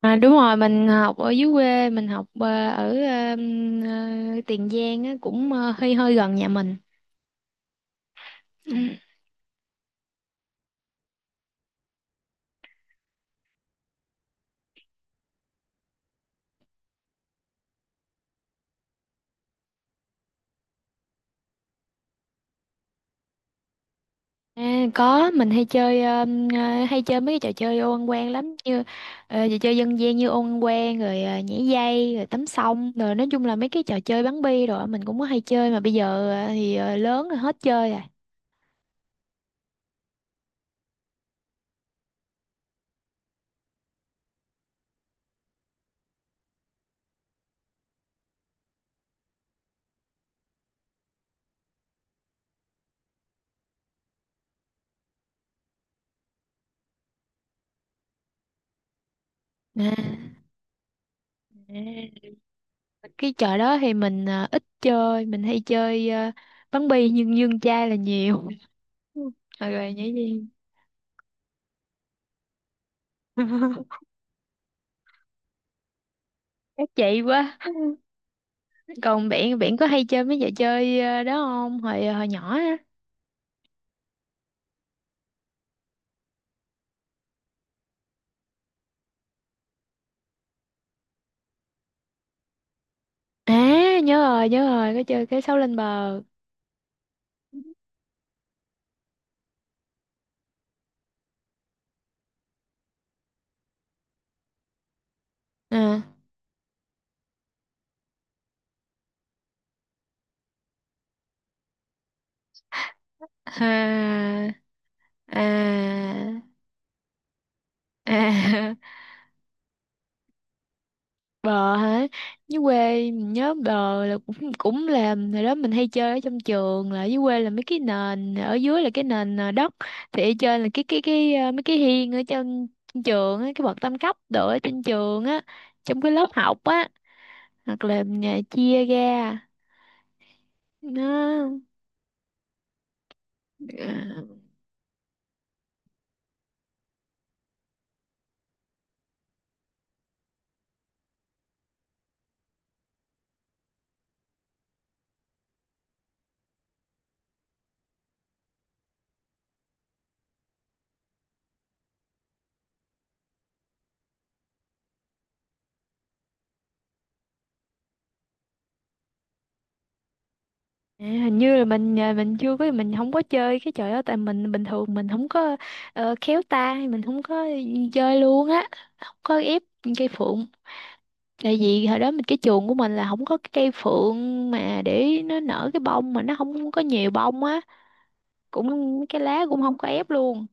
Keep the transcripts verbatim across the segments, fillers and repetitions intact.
À, đúng rồi, mình học ở dưới quê, mình học ờ, ở ờm, ờ, Tiền Giang á, cũng ờ, hơi hơi gần nhà mình. Ừ. À, có, mình hay chơi ờm, ờ, hay chơi mấy cái trò chơi ô ăn quan lắm, như ờ, trò chơi dân gian như ô ăn quan, rồi ờ, nhảy dây, rồi tắm sông, rồi nói chung là mấy cái trò chơi bắn bi rồi mình cũng có hay chơi, mà bây giờ ờ, thì ờ, lớn rồi hết chơi rồi. à, à, cái trò đó thì mình ờ, ít chơi, mình hay chơi ờ, bắn bi nhưng dương chai là nhiều. Ừ, rồi nhảy dây. Các chị quá. Còn biển biển có hay chơi mấy trò chơi ờ, đó không? Hồi hồi nhỏ á. À, nhớ rồi, nhớ rồi, có chơi cái sấu lên bờ. À, à, à, à. Bờ hả? Dưới quê mình nhớ bờ là cũng cũng là hồi đó mình hay chơi ở trong trường, là dưới quê là mấy cái nền ở dưới là cái nền ờ, đất, thì ở trên là cái cái cái ờ, mấy cái hiên ở trên, trên trường á, cái bậc tam cấp đồ ở trên trường á, trong cái lớp học á, hoặc là à, chia ra nó. à, à, Hình như là mình, à, mình chưa có mình không có chơi cái trò đó, tại mình bình thường mình không có ờ, khéo tay, mình không có chơi luôn á, không có ép cây phượng. Tại vì hồi đó mình cái chuồng của mình là không có cái cây phượng mà để nó nở cái bông, mà nó không có nhiều bông á, cũng cái lá cũng không có ép luôn.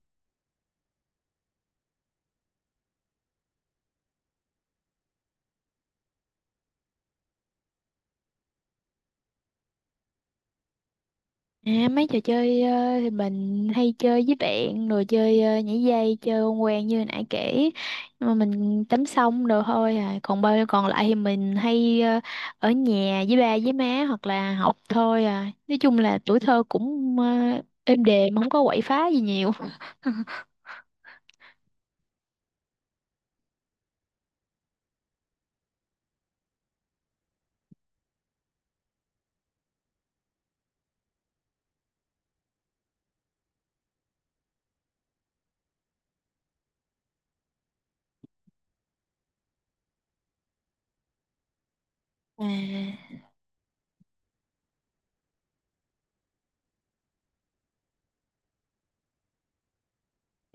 À, mấy trò chơi ờ, thì mình hay chơi với bạn, rồi chơi ờ, nhảy dây, chơi con quen như hồi nãy kể, nhưng mà mình tắm xong rồi thôi à, còn bao còn lại thì mình hay ờ, ở nhà với ba với má hoặc là học thôi à, nói chung là tuổi thơ cũng ờ, êm đềm, không có quậy phá gì nhiều. à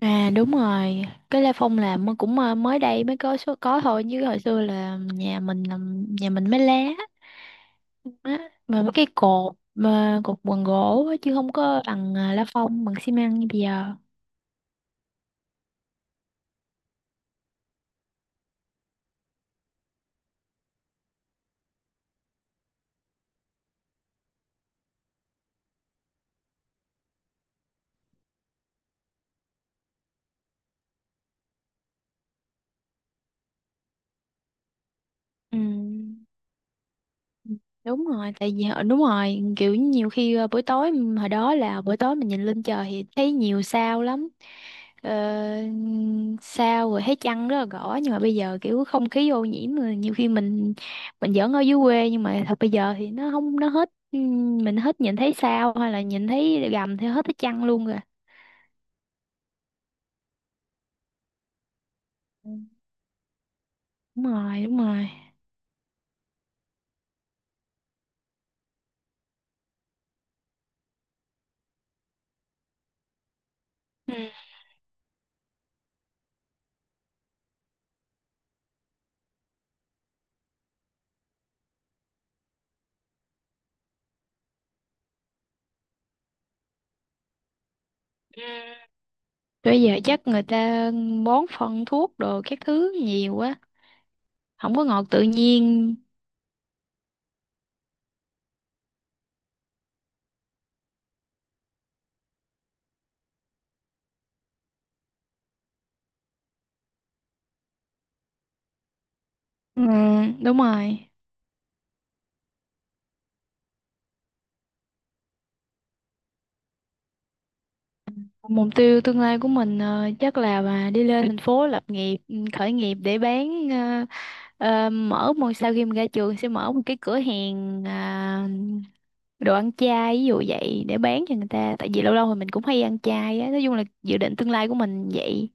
à Đúng rồi, cái La Phong là mới- cũng ờ, mới đây mới có số có thôi, chứ hồi xưa là nhà mình là, nhà mình mới lá á, mà mấy cái cột, mà cột bằng gỗ á, chứ không có bằng à, lá phong bằng xi măng như bây giờ. Ừ, đúng rồi, tại vì họ- đúng rồi, kiểu nhiều khi ờ, buổi tối, m- hồi đó là buổi tối mình nhìn lên trời thì thấy nhiều sao lắm, ờ, sao, rồi thấy trăng rất là rõ, nhưng mà bây giờ kiểu không khí ô nhiễm rồi, nhiều khi mình mình giỡn ở dưới quê nhưng mà thật bây giờ thì nó không, nó hết, ừ, mình hết nhìn thấy sao hay là nhìn thấy gầm thì hết thấy trăng luôn rồi. Ừ. Đúng rồi, đúng rồi. Ừ. Bây giờ chắc người ta bón phân thuốc đồ các thứ nhiều quá, không có ngọt tự nhiên. Ừ, đúng rồi. Mục tiêu tương lai của mình ờ, chắc là mà đi lên thành phố lập nghiệp, ừ, khởi nghiệp để bán ờ, ờ, mở một sau khi mình ra trường sẽ mở một cái cửa hàng, à, đồ ăn chay, ví dụ vậy, để bán cho người ta. Tại vì lâu lâu thì mình cũng hay ăn chay á, nói chung là dự định tương lai của mình vậy.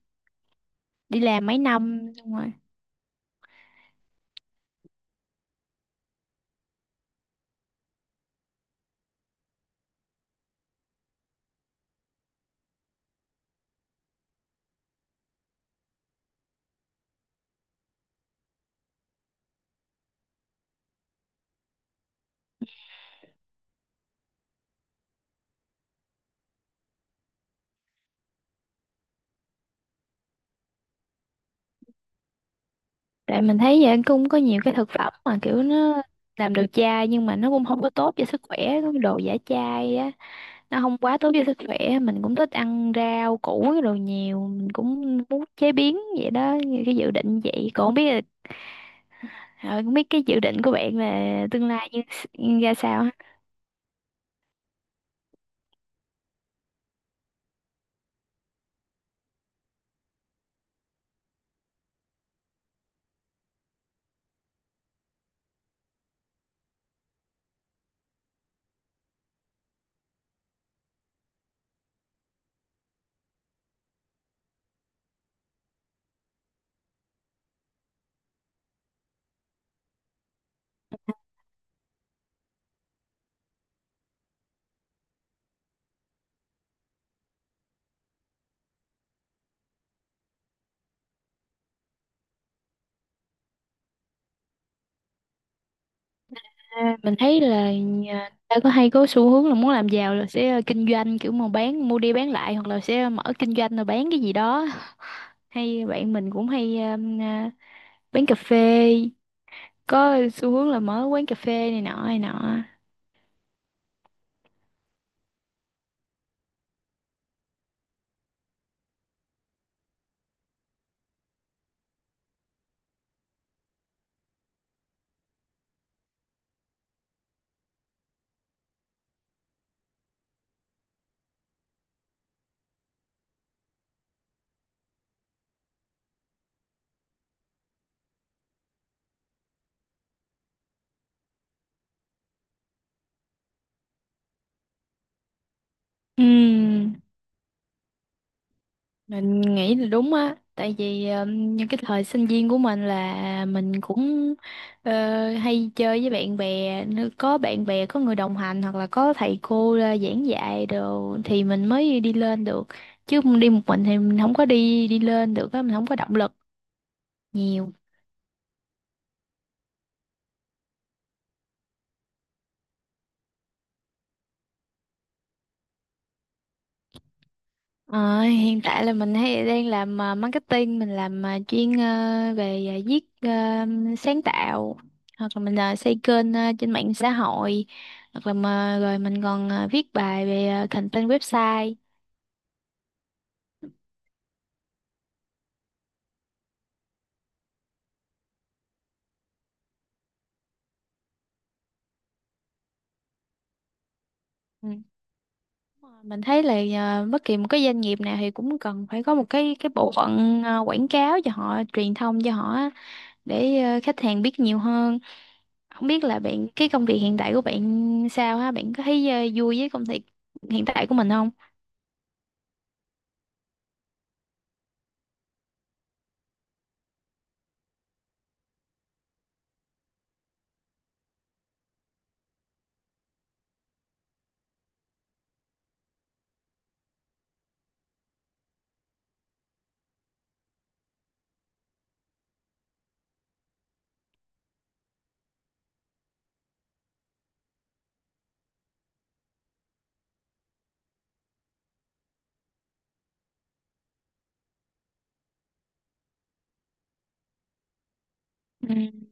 Đi làm mấy năm xong rồi. Tại mình thấy vậy cũng có nhiều cái thực phẩm mà kiểu nó làm được chai nhưng mà nó cũng không có tốt cho sức khỏe, cái đồ giả chai á, nó không quá tốt cho sức khỏe. Mình cũng thích ăn rau củ cái đồ nhiều, mình cũng muốn chế biến vậy đó như cái dự định vậy, còn không biết là ờ, không biết cái dự định của bạn là tương lai như, như ra sao ha? À, mình thấy là nhà- ta có hay có xu hướng là muốn làm giàu là sẽ kinh doanh, kiểu mà bán mua đi bán lại, hoặc là sẽ mở kinh doanh rồi bán cái gì đó, hay bạn mình cũng hay quán cà phê, có xu hướng là mở quán cà phê này nọ này nọ. Ừm, mình nghĩ là đúng á, tại vì ừm, những cái thời sinh viên của mình là mình cũng ờ, hay chơi với bạn bè, nếu có bạn bè, có người đồng hành hoặc là có thầy cô ra giảng dạy đồ thì mình mới đi lên được, chứ đi một mình thì mình không có đi đi lên được á, mình không có động lực nhiều. Ờ, Hiện tại là mình hay đang làm à, marketing, mình làm, à, chuyên à, về, à, viết, à, sáng tạo, hoặc là mình à, xây kênh à, trên mạng xã hội, hoặc là mà, rồi mình còn à, viết bài về à, content website. Ừ. Mình thấy là, à, bất kỳ một cái doanh nghiệp nào thì cũng cần phải có một cái cái bộ phận à, quảng cáo cho họ, truyền thông cho họ á, để à, khách hàng biết nhiều hơn. Không biết là bạn, cái công việc hiện tại của bạn sao ha, bạn có thấy à, vui với công việc hiện tại của mình không? Ừ.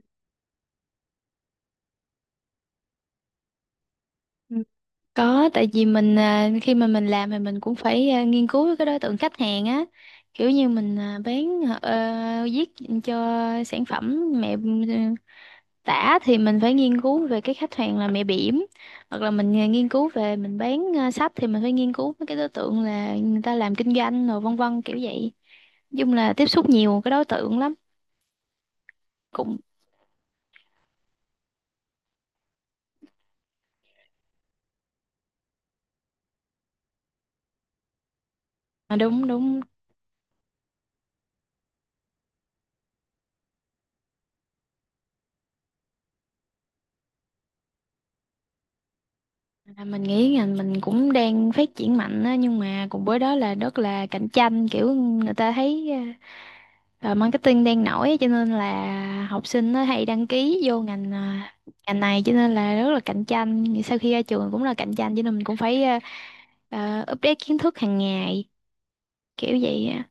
Ừ. Có, tại vì mình à, khi mà mình làm thì mình cũng phải à, nghiên cứu cái đối tượng khách hàng á, kiểu như mình à, bán ờ, viết cho sản phẩm mẹ tả thì mình phải nghiên cứu về cái khách hàng là mẹ bỉm, hoặc là mình à, nghiên cứu về mình bán à, sách thì mình phải nghiên cứu với cái đối tượng là người ta làm kinh doanh, rồi vân vân kiểu vậy. Nói chung là tiếp xúc nhiều cái đối tượng lắm, cũng, à, đúng đúng. Là mình nghĩ ngành mình cũng đang phát triển mạnh á, nhưng mà cùng với đó là rất là cạnh tranh, kiểu người ta thấy à, marketing đang nổi á, cho nên là học sinh nó hay đăng ký vô ngành à, ngành này, cho nên là rất là cạnh tranh, sau khi ra trường cũng là cạnh tranh, cho nên mình cũng phải à, Ờ, update kiến thức hàng ngày, kiểu vậy á.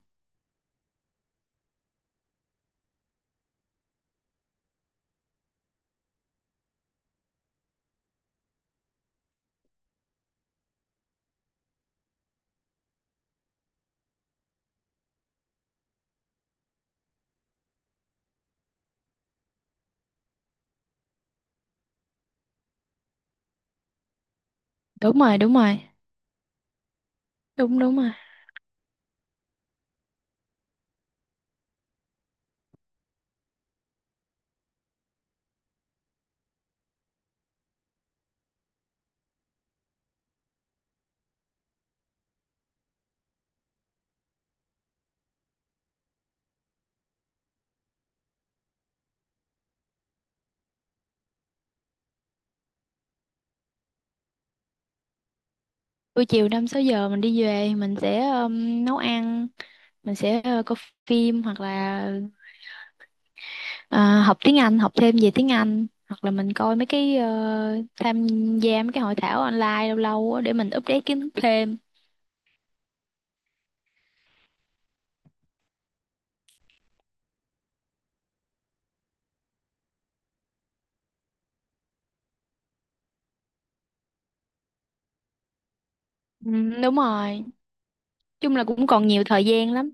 Đúng rồi, đúng rồi. Đúng, đúng rồi. Buổi chiều năm sáu giờ mình đi về, mình sẽ um, nấu ăn, mình sẽ ờ, coi phim, hoặc là ờ, học tiếng Anh, học thêm về tiếng Anh, hoặc là mình coi mấy cái, ờ, tham gia mấy cái hội thảo online lâu lâu á để mình update kiến thức thêm. Ừ, đúng rồi. Chung là cũng còn nhiều thời gian lắm.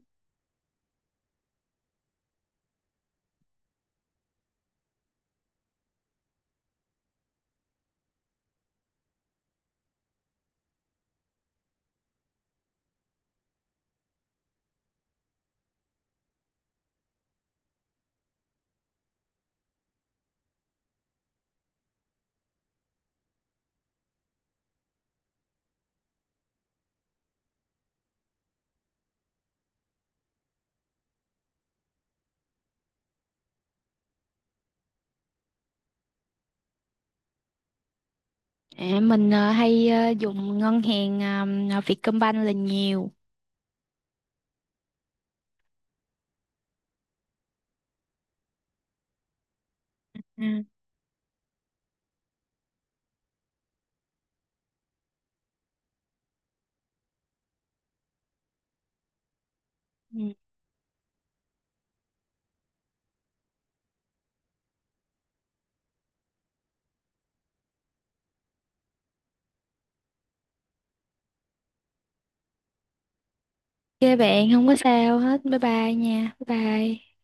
À, mình ờ, hay ờ, dùng ngân hàng um, Vietcombank là nhiều. Ừ. Ừ. OK bạn, không có sao hết. Bye bye nha. Bye bye.